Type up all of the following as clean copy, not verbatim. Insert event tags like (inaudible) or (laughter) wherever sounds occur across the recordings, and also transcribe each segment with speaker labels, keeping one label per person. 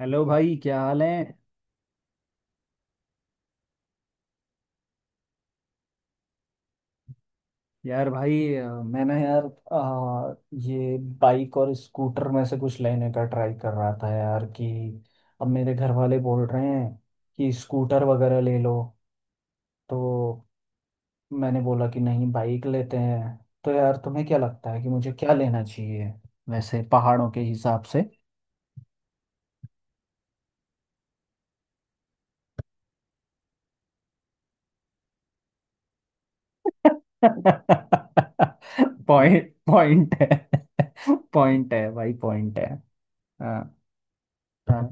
Speaker 1: Hello भाई, क्या हाल है। यार भाई, मैं ना यार अ, ये बाइक और स्कूटर में से कुछ लेने का ट्राई कर रहा था यार कि अब मेरे घर वाले बोल रहे हैं कि स्कूटर वगैरह ले लो तो। मैंने बोला कि नहीं, बाइक लेते हैं। तो यार तुम्हें क्या लगता है कि मुझे क्या लेना चाहिए, वैसे पहाड़ों के हिसाब से? (laughs) पॉइंट पॉइंट है। (laughs) पॉइंट है भाई, पॉइंट है। हाँ, हाँ,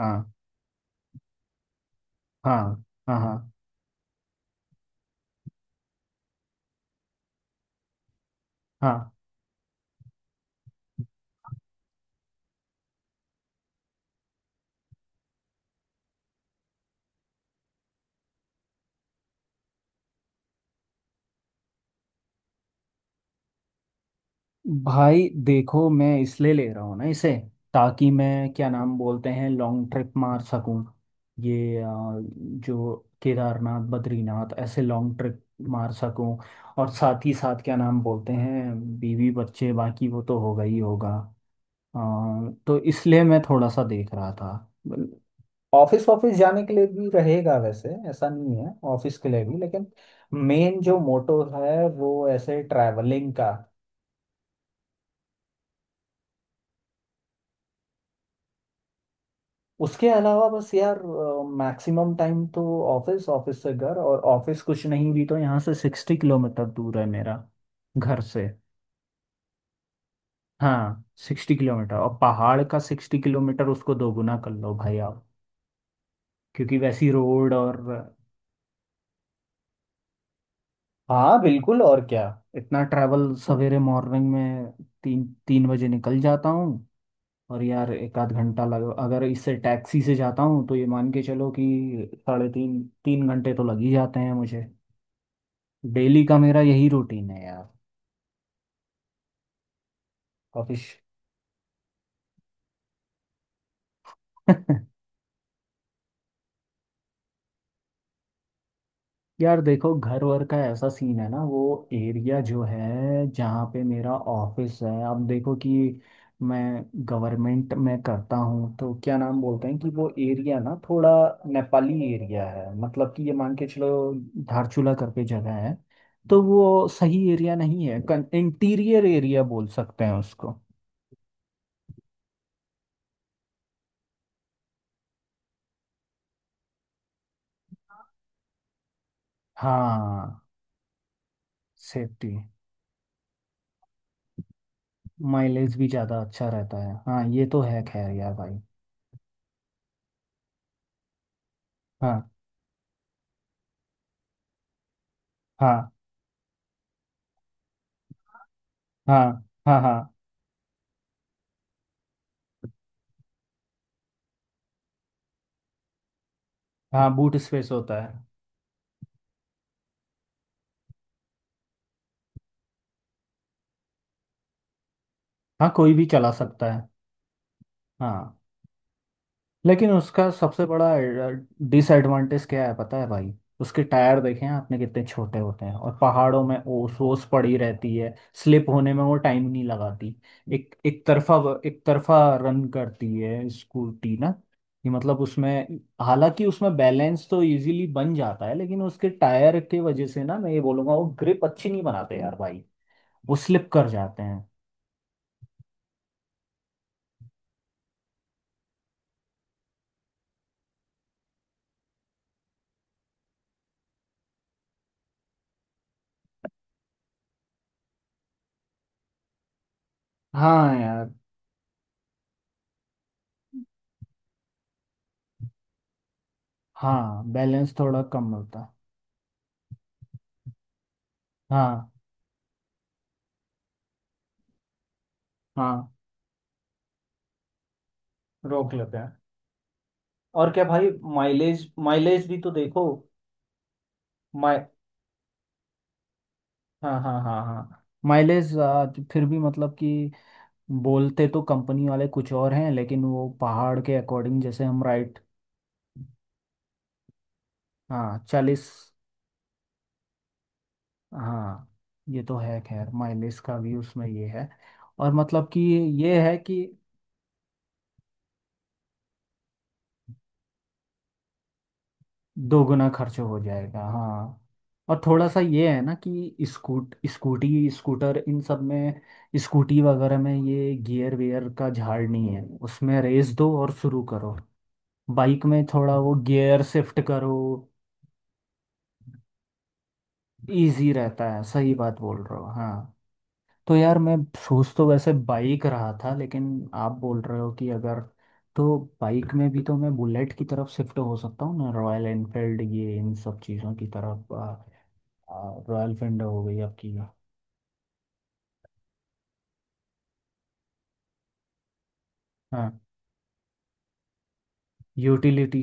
Speaker 1: हाँ, हाँ, हाँ, हाँ, हाँ। भाई देखो, मैं इसलिए ले रहा हूँ ना इसे, ताकि मैं, क्या नाम बोलते हैं, लॉन्ग ट्रिप मार सकूँ। ये जो केदारनाथ, बद्रीनाथ ऐसे लॉन्ग ट्रिप मार सकूँ। और साथ ही साथ, क्या नाम बोलते हैं, बीवी बच्चे बाकी वो तो होगा ही होगा। अ, तो इसलिए मैं थोड़ा सा देख रहा था। ऑफिस ऑफिस जाने के लिए भी रहेगा, वैसे ऐसा नहीं है, ऑफिस के लिए भी, लेकिन मेन जो मोटो है वो ऐसे ट्रैवलिंग का। उसके अलावा बस यार, मैक्सिमम टाइम तो ऑफिस ऑफिस से घर और ऑफिस, कुछ नहीं भी तो यहाँ से 60 किलोमीटर दूर है मेरा, घर से। हाँ 60 किलोमीटर, और पहाड़ का 60 किलोमीटर उसको दोगुना कर लो भाई आप, क्योंकि वैसी रोड, और। हाँ बिल्कुल, और क्या। इतना ट्रैवल सवेरे, मॉर्निंग में तीन तीन बजे निकल जाता हूँ। और यार एक आध घंटा लग, अगर इससे टैक्सी से जाता हूँ तो ये मान के चलो कि साढ़े तीन तीन घंटे तो लग ही जाते हैं मुझे। डेली का मेरा यही रूटीन है यार। ऑफिस। (laughs) यार देखो, घर वर का ऐसा सीन है ना, वो एरिया जो है जहाँ पे मेरा ऑफिस है। अब देखो कि मैं गवर्नमेंट में करता हूँ तो, क्या नाम बोलते हैं, कि वो एरिया ना थोड़ा नेपाली एरिया है। मतलब कि ये मान के चलो, धारचूला करके जगह है। तो वो सही एरिया नहीं है, इंटीरियर एरिया बोल सकते हैं उसको। हाँ। सेफ्टी, माइलेज भी ज़्यादा अच्छा रहता है हाँ, ये तो है खैर यार भाई। हाँ, हाँ, हाँ, हाँ, हाँ, हाँ बूट स्पेस होता है। हाँ कोई भी चला सकता है। हाँ। लेकिन उसका सबसे बड़ा डिसएडवांटेज क्या है पता है भाई? उसके टायर देखे हैं आपने, कितने छोटे होते हैं, और पहाड़ों में ओस ओस पड़ी रहती है। स्लिप होने में वो टाइम नहीं लगाती। एक एक तरफा, एक तरफा रन करती है स्कूटी ना। कि मतलब उसमें, हालांकि उसमें बैलेंस तो इजीली बन जाता है, लेकिन उसके टायर के वजह से ना, मैं ये बोलूंगा वो ग्रिप अच्छी नहीं बनाते यार भाई। वो स्लिप कर जाते हैं। हाँ यार। हाँ बैलेंस थोड़ा कम होता है। हाँ, हाँ, रोक लेते हैं। और क्या भाई। माइलेज, माइलेज भी तो देखो। माइ हाँ, हाँ, हाँ, हाँ माइलेज, फिर भी मतलब कि, बोलते तो कंपनी वाले कुछ और हैं, लेकिन वो पहाड़ के अकॉर्डिंग जैसे हम राइट। हाँ 40। हाँ ये तो है खैर, माइलेज का भी उसमें ये है, और मतलब कि, ये है कि दोगुना खर्च हो जाएगा। हाँ, और थोड़ा सा ये है ना कि स्कूटी स्कूटर इन सब में, स्कूटी वगैरह में ये गियर वेयर का झाड़ नहीं है, उसमें रेस दो और शुरू करो। बाइक में थोड़ा वो गियर शिफ्ट करो। इजी रहता है, सही बात बोल रहे हो हाँ। तो यार मैं सोच तो वैसे बाइक रहा था, लेकिन आप बोल रहे हो कि अगर, तो बाइक में भी तो मैं बुलेट की तरफ शिफ्ट हो सकता हूँ ना, रॉयल एनफील्ड ये इन सब चीज़ों की तरफ। रॉयल फेंडर हो गई आपकी। हाँ। यूटिलिटी।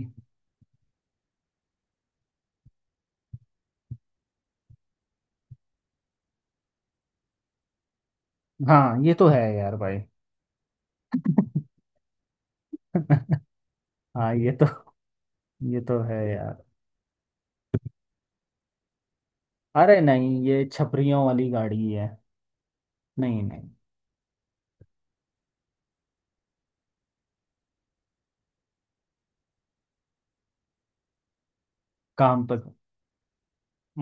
Speaker 1: हाँ ये तो है यार भाई। (laughs) हाँ ये तो है यार। अरे नहीं, ये छपरियों वाली गाड़ी है। नहीं, नहीं। काम पर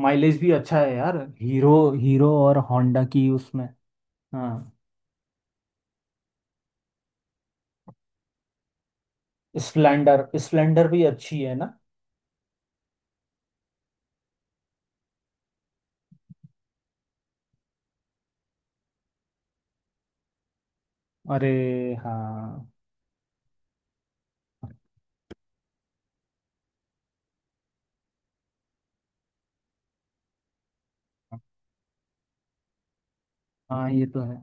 Speaker 1: माइलेज भी अच्छा है यार, हीरो, हीरो और होंडा की उसमें। हाँ, स्प्लेंडर, स्प्लेंडर भी अच्छी है ना। अरे हाँ, हाँ ये तो है।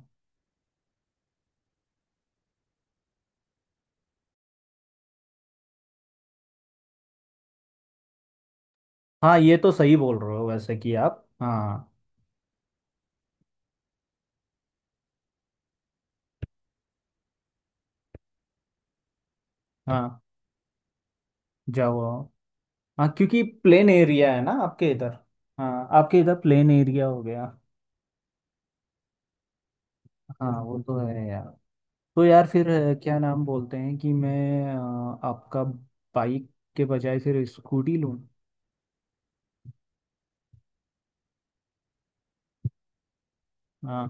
Speaker 1: हाँ ये तो सही बोल रहे हो वैसे कि आप। हाँ, हाँ जाओ। हाँ क्योंकि प्लेन एरिया है ना आपके इधर। हाँ आपके इधर प्लेन एरिया हो गया। हाँ वो तो है यार। तो यार फिर क्या नाम बोलते हैं कि मैं आपका, बाइक के बजाय फिर स्कूटी लूँ? हाँ।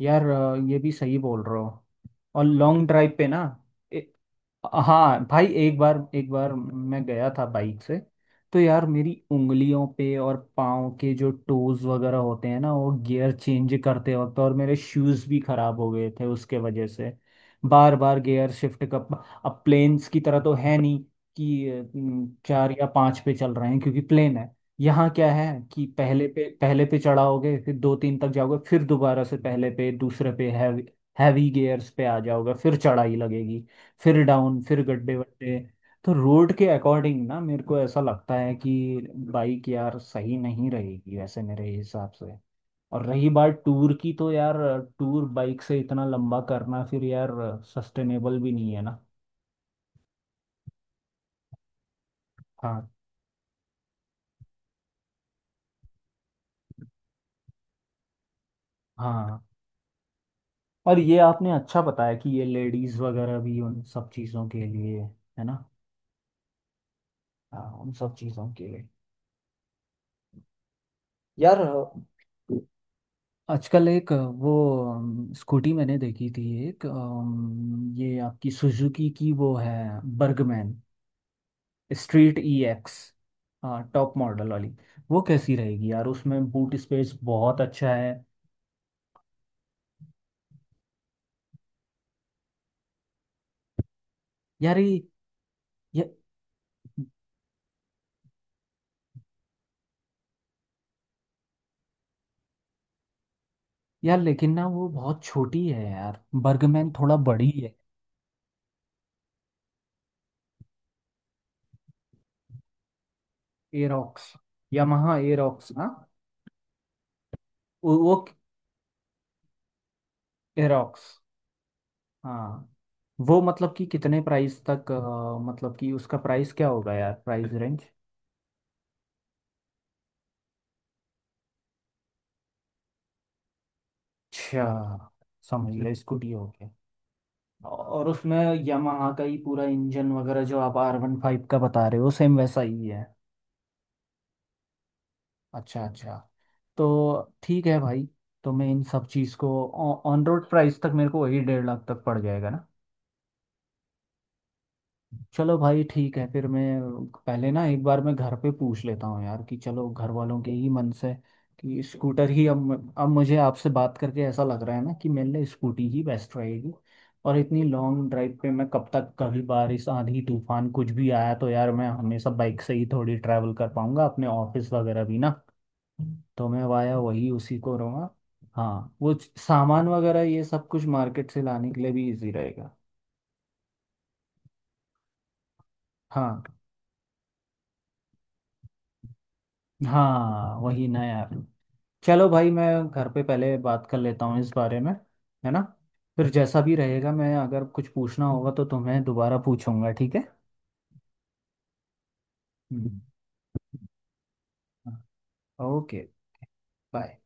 Speaker 1: यार ये भी सही बोल रहे हो। और लॉन्ग ड्राइव पे ना, ए, हाँ भाई एक बार, एक बार मैं गया था बाइक से। तो यार मेरी उंगलियों पे और पाँव के जो टोज वगैरह होते हैं ना, वो गियर चेंज करते वक्त, और मेरे शूज़ भी खराब हो गए थे उसके वजह से, बार बार गियर शिफ्ट कर। अब प्लेन्स की तरह तो है नहीं कि चार या पाँच पे चल रहे हैं, क्योंकि प्लेन है। यहाँ क्या है कि पहले पे, पहले पे चढ़ाओगे, फिर दो तीन तक जाओगे, फिर दोबारा से पहले पे, दूसरे पे, हैवी, हैवी गियर्स पे आ जाओगे, फिर चढ़ाई लगेगी, फिर डाउन, फिर गड्ढे वड्ढे। तो रोड के अकॉर्डिंग ना मेरे को ऐसा लगता है कि बाइक यार सही नहीं रहेगी वैसे मेरे हिसाब से। और रही बात टूर की, तो यार टूर बाइक से इतना लंबा करना फिर यार, सस्टेनेबल भी नहीं है ना। हाँ, हाँ। और ये आपने अच्छा बताया कि ये लेडीज वगैरह भी उन सब चीज़ों के लिए। है ना। हाँ उन सब चीज़ों के लिए। यार आजकल एक वो, स्कूटी मैंने देखी थी एक, ये आपकी सुजुकी की वो है, बर्गमैन स्ट्रीट EX। हाँ टॉप मॉडल वाली। वो कैसी रहेगी यार, उसमें बूट स्पेस बहुत अच्छा है। यार ये- यार लेकिन ना वो बहुत छोटी है यार, बर्गमैन थोड़ा बड़ी है। Aerox, Yamaha Aerox. हाँ। वो एरोक्स, हाँ। वो मतलब कि कितने प्राइस तक, मतलब कि उसका प्राइस क्या होगा यार, प्राइस रेंज? अच्छा, समझ गया, स्कूटी हो गया। और उसमें यामाहा का ही पूरा इंजन वगैरह जो आप R15 का बता रहे हो, सेम वैसा ही है। अच्छा, अच्छा। तो ठीक है भाई। तो मैं इन सब चीज़ को ऑन रोड प्राइस तक, मेरे को वही 1.5 लाख तक पड़ जाएगा ना। चलो भाई ठीक है, फिर मैं पहले ना एक बार मैं घर पे पूछ लेता हूँ यार कि, चलो घर वालों के ही मन से कि स्कूटर ही। अब मुझे आपसे बात करके ऐसा लग रहा है ना कि मेरे लिए स्कूटी ही बेस्ट रहेगी। और इतनी लॉन्ग ड्राइव पे मैं कब तक, कभी बारिश, आंधी, तूफान, कुछ भी आया तो यार मैं हमेशा बाइक से ही थोड़ी ट्रैवल कर पाऊंगा अपने ऑफिस वगैरह भी ना। तो मैं वाया वही, उसी को रहूँगा। हाँ वो सामान वगैरह, ये सब कुछ मार्केट से लाने के लिए भी इजी रहेगा। हाँ, हाँ वही ना यार। चलो भाई, मैं घर पे पहले बात कर लेता हूँ इस बारे में, है ना। फिर जैसा भी रहेगा, मैं, अगर कुछ पूछना होगा तो तुम्हें दोबारा पूछूंगा, ठीक है। हम्म। ओके। बाय।